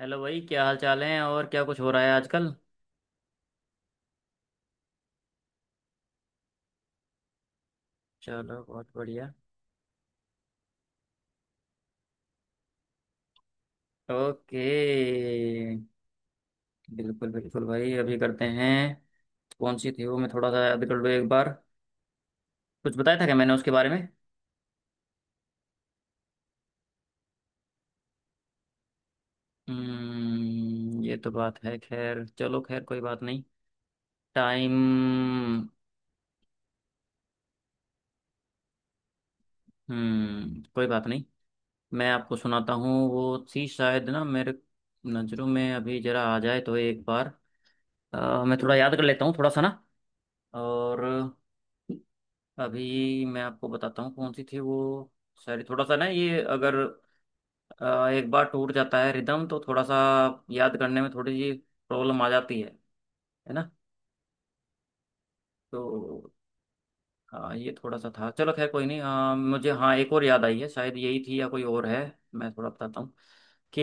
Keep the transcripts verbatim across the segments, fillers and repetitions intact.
Hello भाई, क्या हाल चाल है और क्या कुछ हो रहा है आजकल। चलो, बहुत बढ़िया। ओके। बिल्कुल बिल्कुल भाई, अभी करते हैं। कौन सी थी वो, मैं थोड़ा सा याद कर लूँ एक बार। कुछ बताया था क्या मैंने उसके बारे में? हम्म ये तो बात है। खैर चलो, खैर कोई बात नहीं। टाइम। हम्म कोई बात नहीं। मैं आपको सुनाता हूँ, वो थी शायद, ना मेरे नज़रों में अभी जरा आ जाए तो एक बार। अ, मैं थोड़ा याद कर लेता हूँ थोड़ा सा ना। और, अभी मैं आपको बताता हूँ कौन सी थी वो। सॉरी, थोड़ा सा ना, ये अगर अ, एक बार टूट जाता है रिदम तो थोड़ा सा याद करने में थोड़ी सी प्रॉब्लम आ जाती है। है ना? तो हाँ, ये थोड़ा सा था। चलो, खैर कोई नहीं। हाँ मुझे, हाँ, एक और याद आई है, शायद यही थी या कोई और है। मैं थोड़ा बताता हूँ कि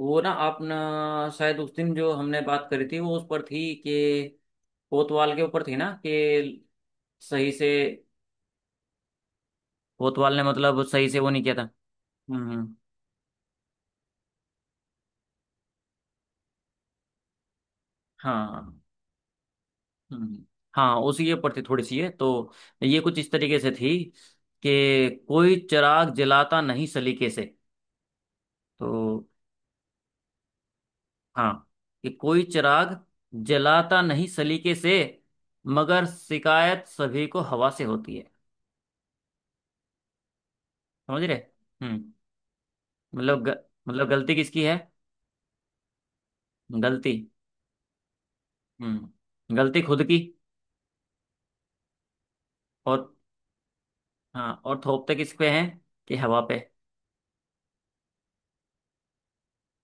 वो ना, आप ना, शायद उस दिन जो हमने बात करी थी वो उस पर थी कि, कोतवाल के ऊपर थी ना, कि सही से कोतवाल ने मतलब सही से वो नहीं किया था। हम्म, हम्म। हाँ। हम्म, हाँ, उसी के ऊपर थी थोड़ी सी, ये तो ये कुछ इस तरीके से थी कि कोई चिराग जलाता नहीं सलीके से। तो हाँ, कि कोई चिराग जलाता नहीं सलीके से मगर शिकायत सभी को हवा से होती है। समझ रहे? हम्म। मतलब ग, मतलब गलती किसकी है? गलती, हम्म, गलती खुद की। और हाँ, और थोपते किस पे है? कि हवा पे।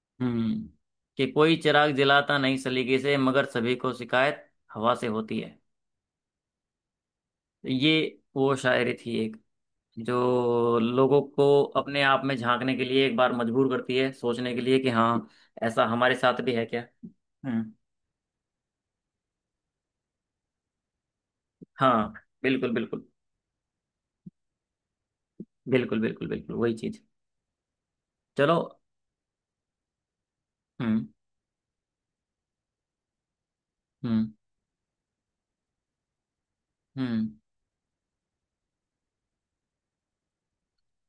हम्म कि कोई चिराग जलाता नहीं सलीके से मगर सभी को शिकायत हवा से होती है। ये वो शायरी थी एक, जो लोगों को अपने आप में झांकने के लिए एक बार मजबूर करती है सोचने के लिए, कि हाँ, ऐसा हमारे साथ भी है क्या। हम्म। हाँ, बिल्कुल बिल्कुल। बिल्कुल बिल्कुल बिल्कुल वही चीज। चलो। हम्म, हम्म, हम्म,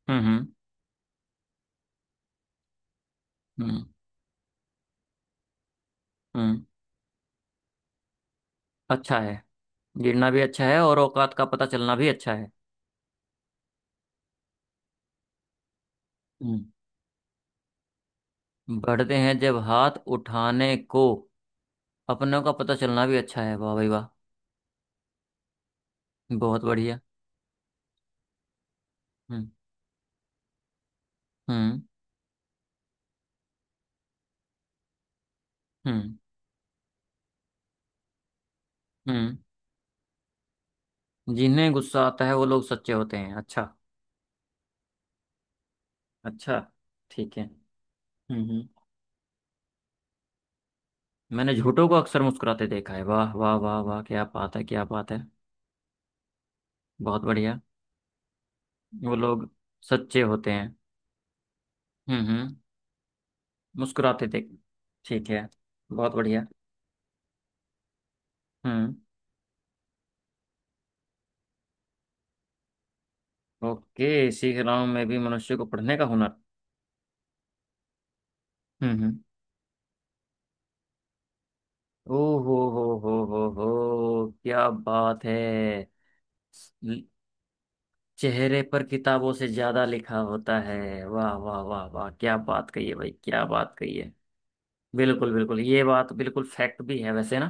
हम्म, हम्म, हम्म, हम्म। अच्छा है। गिरना भी अच्छा है और औकात का पता चलना भी अच्छा है। हम्म। बढ़ते हैं जब हाथ उठाने को, अपनों का पता चलना भी अच्छा है। वाह भाई वाह। बहुत बढ़िया। हम्म, हम्म, हम्म, हम्म। जिन्हें गुस्सा आता है वो लोग सच्चे होते हैं। अच्छा। अच्छा। ठीक है। हम्म, हम्म। मैंने झूठों को अक्सर मुस्कुराते देखा है। वाह वाह वाह वाह, क्या बात है, क्या बात है। बहुत बढ़िया। वो लोग सच्चे होते हैं। हम्म, हम्म। मुस्कुराते देख। ठीक है। बहुत बढ़िया। हम्म। ओके, सीख रहा हूँ मैं भी मनुष्य को पढ़ने का हुनर। हम्म, हम्म। ओ हो हो हो हो हो क्या बात है। चेहरे पर किताबों से ज्यादा लिखा होता है। वाह वाह वाह वाह, क्या बात कही है भाई, क्या बात कही है। बिल्कुल बिल्कुल, ये बात बिल्कुल फैक्ट भी है वैसे ना।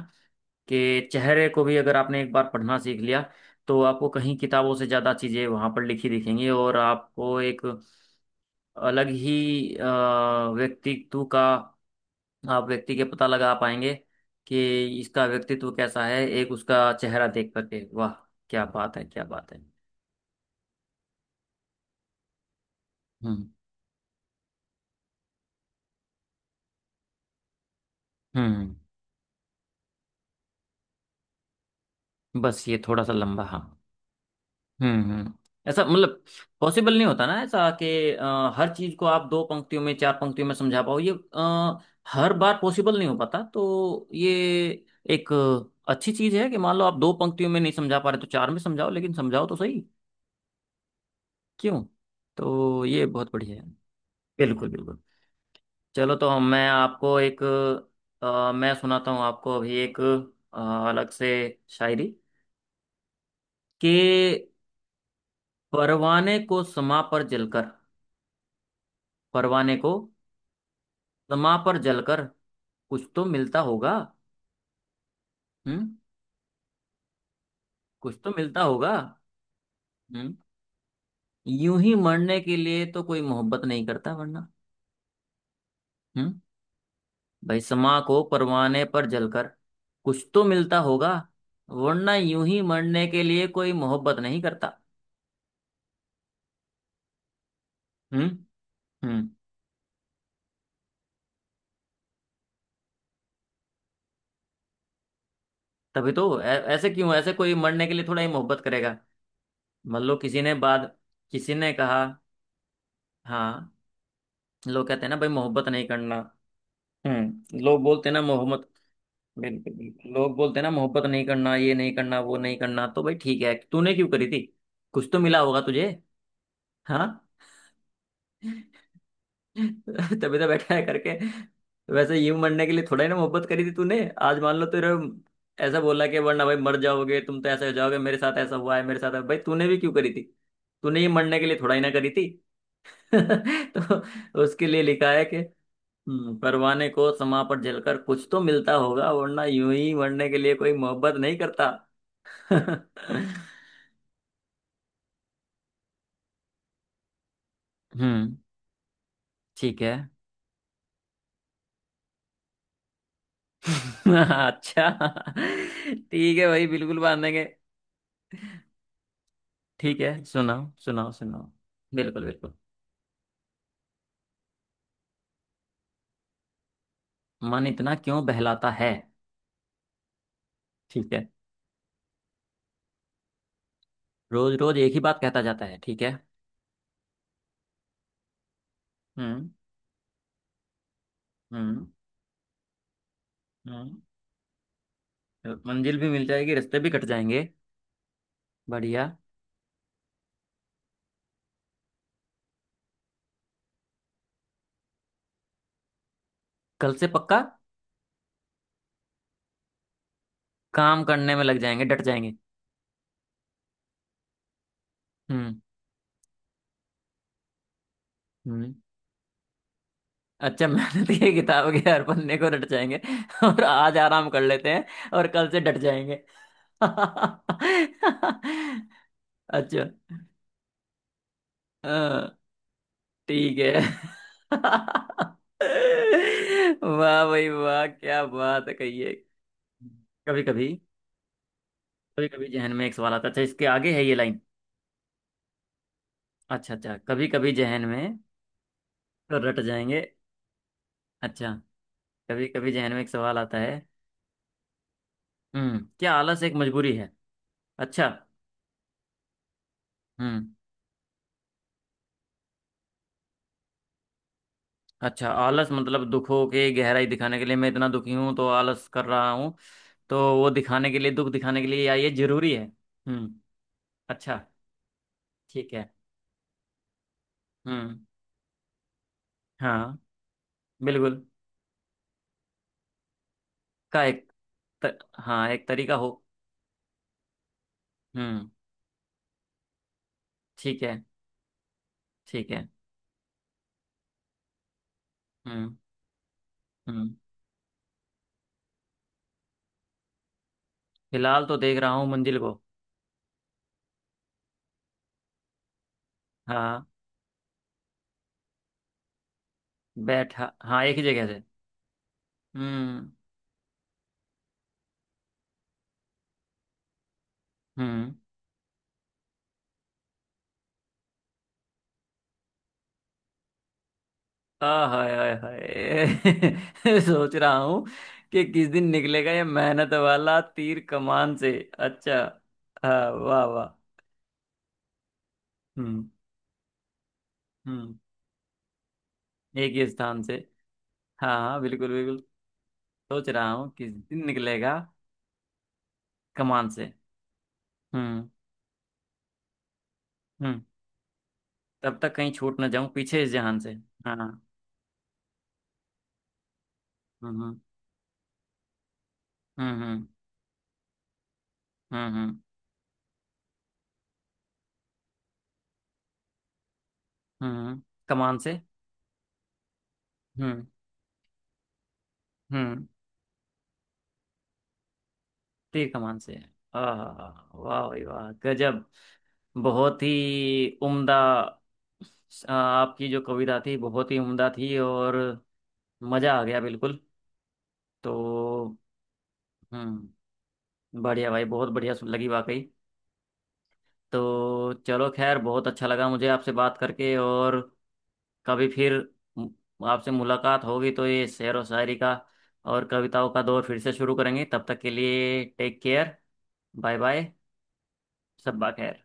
कि चेहरे को भी अगर आपने एक बार पढ़ना सीख लिया, तो आपको कहीं किताबों से ज्यादा चीजें वहां पर लिखी दिखेंगी, और आपको एक अलग ही अ, व्यक्तित्व का, आप व्यक्ति के पता लगा पाएंगे कि इसका व्यक्तित्व कैसा है एक उसका चेहरा देख करके। वाह, क्या बात है, क्या बात है। हम्म, हम्म। बस ये थोड़ा सा लंबा, हाँ। हम्म, हम्म। ऐसा मतलब पॉसिबल नहीं होता ना, ऐसा कि अ, हर चीज को आप दो पंक्तियों में चार पंक्तियों में समझा पाओ, ये अ, हर बार पॉसिबल नहीं हो पाता, तो ये एक अ, अच्छी चीज है कि मान लो आप दो पंक्तियों में नहीं समझा पा रहे तो चार में समझाओ, लेकिन समझाओ तो सही। क्यों? तो ये बहुत बढ़िया है। बिल्कुल बिल्कुल। चलो, तो हम मैं आपको एक, अ, मैं सुनाता हूँ आपको अभी एक अ, अलग से शायरी, कि परवाने को समा पर जलकर, परवाने को दमा पर जलकर कुछ तो मिलता होगा। हम्म। कुछ तो मिलता होगा। हम्म। यूं ही मरने के लिए तो कोई मोहब्बत नहीं करता वरना। हम्म। भाई, समा को परवाने पर जलकर कुछ तो मिलता होगा, वरना यूं ही मरने के लिए कोई मोहब्बत नहीं करता। हम्म, हम्म। तभी तो ऐ- ऐसे, क्यों ऐसे कोई मरने के लिए थोड़ा ही मोहब्बत करेगा। मान लो किसी ने बाद, किसी ने कहा, हाँ, लोग कहते हैं ना भाई, मोहब्बत नहीं करना। हम्म लोग बोलते हैं ना मोहब्बत। बिल्कुल, लोग बोलते हैं ना मोहब्बत नहीं करना, ये नहीं करना, वो नहीं करना, तो भाई ठीक है, तूने क्यों करी थी? कुछ तो मिला होगा तुझे। हाँ। तभी तो बैठा है करके। वैसे यूं मरने के लिए थोड़ा ही ना मोहब्बत करी थी तूने। आज मान लो तेरे ऐसा बोला कि वरना भाई मर जाओगे तुम, तो ऐसे हो जाओगे, मेरे साथ ऐसा हुआ है, मेरे साथ है। भाई तूने भी क्यों करी थी? तूने ये मरने के लिए थोड़ा ही ना करी थी। तो उसके लिए लिखा है। हम्म, परवाने को समा पर जलकर कुछ तो मिलता होगा, वरना यूं ही मरने के लिए कोई मोहब्बत नहीं करता। हम्म। ठीक है। अच्छा। ठीक है भाई, बिल्कुल बांधेंगे। ठीक है, सुनाओ, सुनाओ, सुनाओ। बिल्कुल बिल्कुल। मन इतना क्यों बहलाता है? ठीक है। रोज रोज एक ही बात कहता जाता है। ठीक है। हम्म, हम्म। हम्म, मंजिल भी मिल जाएगी, रास्ते भी कट जाएंगे। बढ़िया। कल से पक्का, काम करने में लग जाएंगे, डट जाएंगे। हम्म, हम्म। अच्छा, मेहनत की किताब के हर पन्ने को रट जाएंगे। और आज आराम कर लेते हैं और कल से डट जाएंगे। अच्छा। हाँ, ठीक है। वाह भाई वाह, क्या बात कही है, कहिए। कभी कभी, कभी कभी जहन में एक सवाल आता। अच्छा, इसके आगे है ये लाइन। अच्छा, अच्छा, कभी कभी जहन में, तो रट जाएंगे। अच्छा, कभी कभी जहन में एक सवाल आता है। हम्म, क्या आलस एक मजबूरी है? अच्छा। हम्म। अच्छा, आलस मतलब दुखों के गहराई दिखाने के लिए, मैं इतना दुखी हूँ तो आलस कर रहा हूँ, तो वो दिखाने के लिए, दुख दिखाने के लिए, या ये जरूरी है? हम्म। अच्छा। ठीक है। हम्म। हाँ। बिल्कुल। का एक, त, हाँ, एक तरीका हो। हम्म। ठीक है। ठीक है। हम्म, हम्म। फिलहाल तो देख रहा हूँ मंजिल को। हाँ, बैठा, हाँ, एक ही जगह से। हम्म, हम्म। आ हाय हाय हाय, सोच रहा हूँ कि किस दिन निकलेगा ये मेहनत वाला तीर कमान से। अच्छा, हाँ, वाह वाह। हम्म, हम्म। एक ही स्थान से। हाँ हाँ, बिल्कुल बिल्कुल। सोच रहा हूँ किस दिन निकलेगा कमान से। हम्म, हम्म। तब तक कहीं छूट ना जाऊं पीछे इस जहान से। हाँ। हम्म, हम्म, हम्म, हम्म, हम्म, हम्म, हम्म, कमान से। हम्म, हम्म। तीर कमान से। आहा, वाह भाई वाह, गजब। बहुत ही उम्दा। अ, आपकी जो कविता थी बहुत ही उम्दा थी, और मज़ा आ गया बिल्कुल। तो हम्म, बढ़िया भाई, बहुत बढ़िया सुन लगी वाकई। तो चलो, खैर बहुत अच्छा लगा मुझे आपसे बात करके, और कभी फिर मु- आपसे मुलाकात होगी तो ये शेर और शायरी का और कविताओं का दौर फिर से शुरू करेंगे, तब तक के लिए टेक केयर। Bye bye. सब खैर।